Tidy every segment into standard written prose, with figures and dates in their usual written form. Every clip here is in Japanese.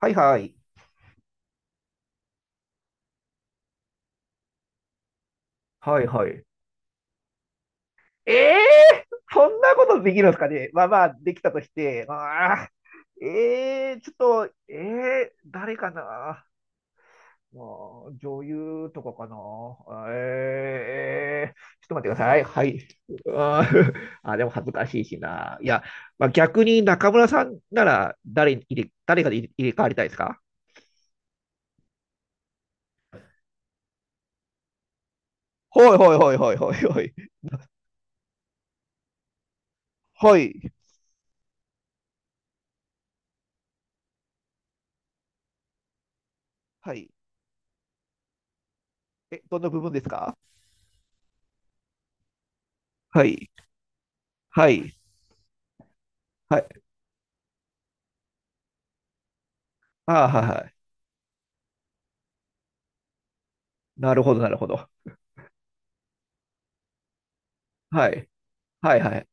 はいはい。はいはい。ええーそんなことできるんですかね。まあまあ、できたとして。まあーええーちょっと、ええー誰かな。まあ、女優とかかな。ええーちょっと待ってください。はい。あー あ、でも恥ずかしいしな。いや、まあ、逆に中村さんなら誰かで入れ替わりたいですか？はいはいはいはいはいはい。はい。はい。え、どの部分ですか？はい。はい。はい。ああ、はいはい。なるほど、なるほど。はい。はい、はい。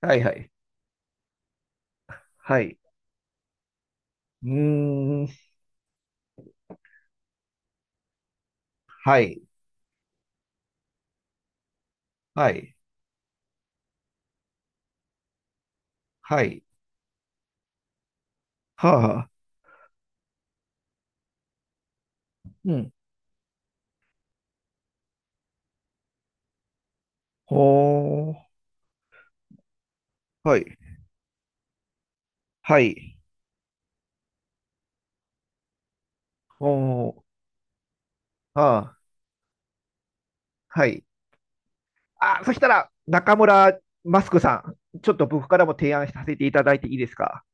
はい、はい。はい。うーん。はい。はい。はい。はあ、はあ。うん。ほー。はい。はい。ほー。はあ。はい。あ、そしたら、中村マスクさん、ちょっと僕からも提案させていただいていいですか？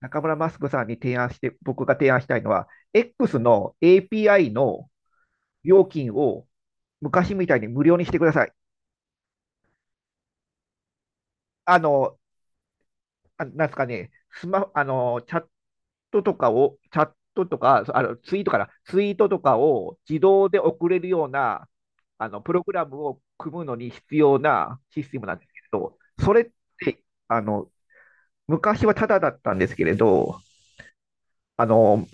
中村マスクさんに提案して、僕が提案したいのは、X の API の料金を昔みたいに無料にしてください。あの、なんすかね、スマ、あの、チャットとかを、チャットとか、あの、ツイートから、ツイートとかを自動で送れるような、プログラムを組むのに必要なシステムなんですけれど、それって、あの、昔はタダだったんですけれど、あの、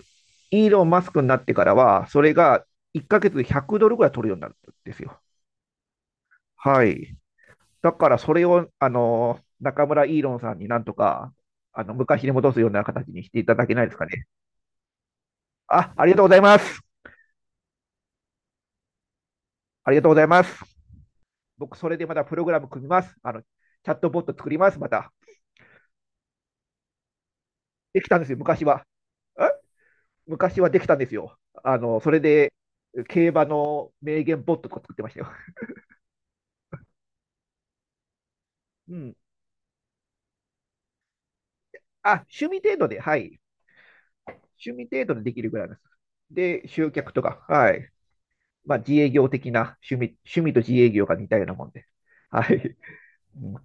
イーロン・マスクになってからは、それが1ヶ月で100ドルぐらい取るようになったんですよ。はい。だからそれを、中村イーロンさんになんとか、昔に戻すような形にしていただけないですかね。あ、ありがとうございます。ありがとうございます。僕、それでまたプログラム組みます。チャットボット作ります。また。できたんですよ、昔は。え昔はできたんですよ。それで、競馬の名言ボットとか作ってましたよ。うん。あ、趣味程度で、はい。趣味程度でできるぐらいです。で、集客とか、はい。まあ、自営業的な趣味と自営業が似たようなもんで。はい。う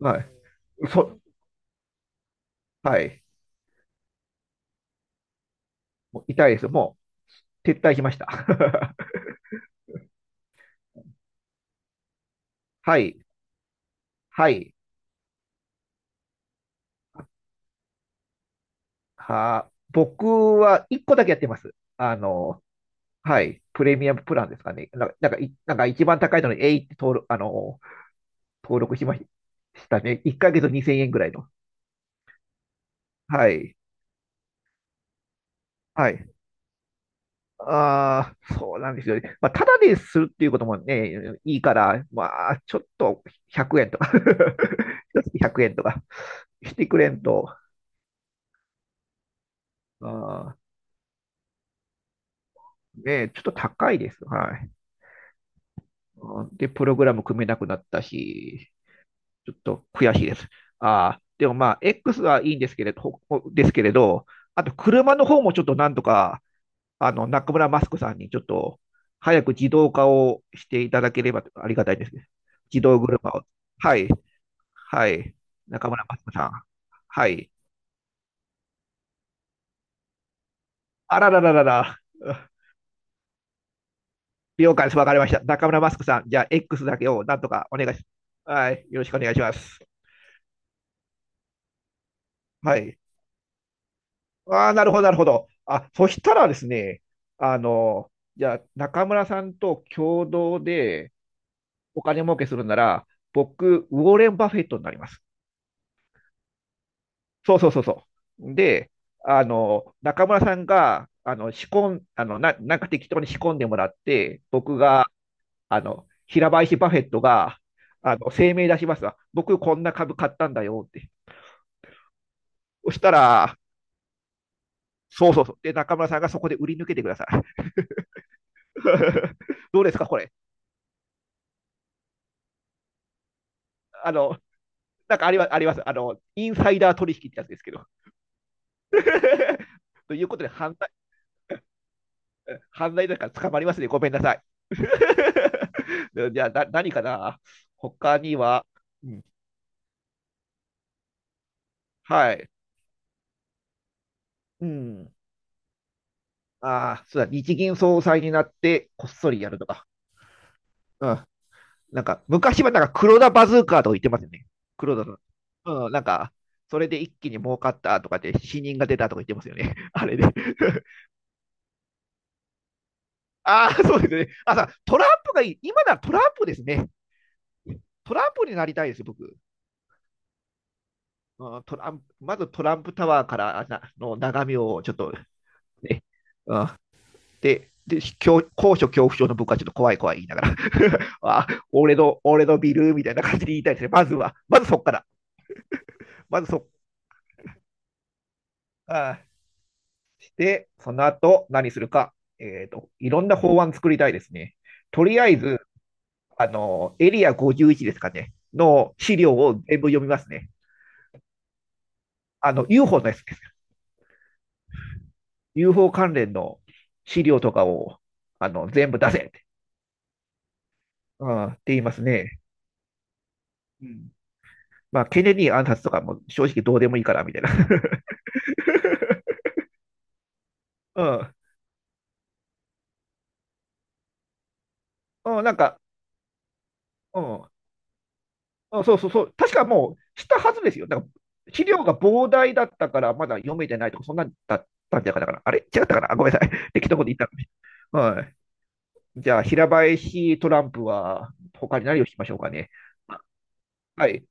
ん、はい。そ、はい。もう痛いです。もう撤退しました。はい。はい。僕は1個だけやってます。はい。プレミアムプランですかね。なんか一番高いのに、えいって登録しましたね。1ヶ月2000円ぐらいの。はい。はい。ああ、そうなんですよね。まあ、ただでするっていうこともね、いいから、まあ、ちょっと1円とか 一月100円とかしてくれんと、あね、ちょっと高いです。はい。うん。で、プログラム組めなくなったし、ちょっと悔しいです。ああ、でもまあ、X はいいんですけれど、ほですけれど、あと車の方もちょっとなんとか、中村マスクさんにちょっと、早く自動化をしていただければありがたいですね。自動車を。はい。はい。中村マスクさん。はい。あららららら。了解です。わかりました。中村マスクさん、じゃあ X だけをなんとかお願いします。はい。よろしくお願いします。はい。ああ、なるほど、なるほど。あ、そしたらですね、あの、じゃあ中村さんと共同でお金儲けするなら、僕、ウォーレン・バフェットになります。そうそうそうそう。で、中村さんが、あの、仕込ん、あの、な、なんか適当に仕込んでもらって、僕が、平林バフェットが、声明出しますわ。僕、こんな株買ったんだよって。そしたら、そうそうそう。で、中村さんがそこで売り抜けてください。どうですか、これ。あの、なんかありますあります。インサイダー取引ってやつですけど。ということで、犯罪だから捕まりますね。ごめんなさい。じゃあ、何かな、他には、うん、はい。うん。ああ、そうだ、日銀総裁になってこっそりやるとか。うん。なんか、昔はなんか黒田バズーカーとか言ってますよね。黒田さん。うん、なんか、それで一気に儲かったとかって死人が出たとか言ってますよね。あれで。ああ、そうですね。あ、トランプがいい。今ならトランプですね。トランプになりたいですよ、僕。うん、トランプまずトランプタワーからの眺めをちょっと、ね。うん、で、高所恐怖症の僕はちょっと怖い怖い言いながら あ、俺のビルみたいな感じで言いたいですね。まずは、まずそっから。まずそっから、で、その後何するか、いろんな法案作りたいですね。とりあえず、エリア51ですかね、の資料を全部読みますね。UFO のやつです。UFO 関連の資料とかを、全部出せって、うん、って言いますね。うん。まあ、ケネディ暗殺とかも正直どうでもいいから、みたいな。うん。うん、なんか、うん。あ、そうそうそう、確かもうしたはずですよ。だから資料が膨大だったから、まだ読めてないとか、そんなんだったんじゃなかったかな。あれ違ったかな、あ、ごめんなさい。適当なこと言ったかもしれない。はい。じゃあ、平林トランプは、他に何をしましょうかね。はい。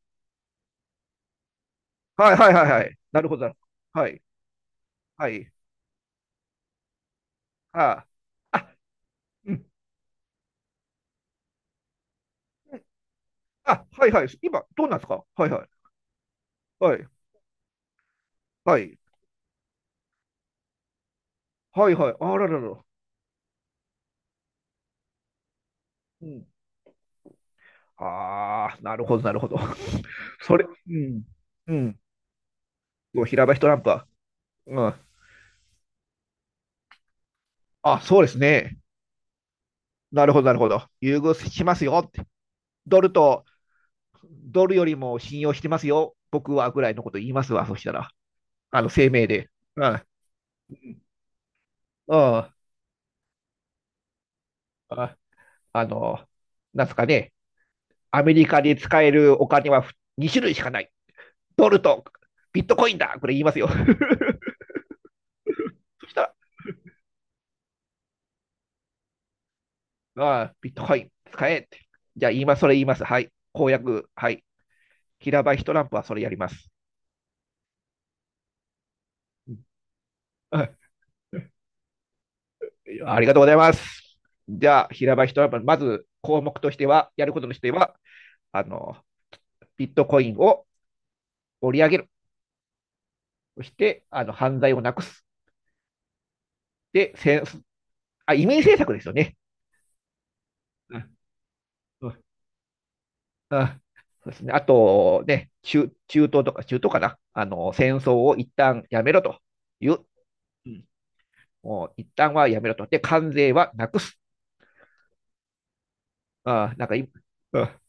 はいはいはいはい。なるほど。はい。はい。ああ。あ、うん。あ、はいはい。今、どうなんですか？はいはい。はい。はい。はいはい。あらららら。うん。ああ、なるほど、なるほど。それ、うん。うん。そう、平林トランプは、うん。あ、そうですね。なるほど、なるほど。優遇しますよって。ドルと、ドルよりも信用してますよ。僕はぐらいのこと言いますわ。そしたら、声明で。うん。うん。あ、あの、なんすかね。アメリカで使えるお金は2種類しかない。ドルとビットコインだ、これ言いますよ。そしたら、ああ、ビットコイン使えって。じゃあ、今それ言います。はい。公約、はい。平場イトランプはそれやります。うん、ありがとうございます。じゃあ、平場一山、まず項目としては、やることとしては、あの、ビットコインを盛り上げる。そして、犯罪をなくす。で、あ、移民政策ですよね。うん。うん。うん。そうですね。あと、ね、中東とか、中東かな。戦争を一旦やめろという。うん。もう一旦はやめろと。で、関税はなくす。あなんかい、うん。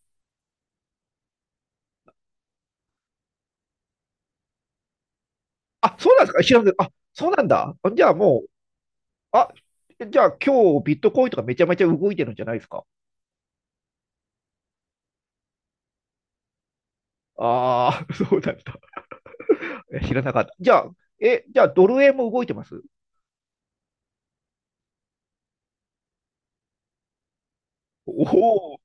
あ、そうなんですか、知らんけど、あ、そうなんだ。じゃあもあ、じゃあ今日ビットコインとかめちゃめちゃ動いてるんじゃないですか。ああー、そうだった。知らなかった。じゃあ、え、じゃあドル円も動いてます？おおー。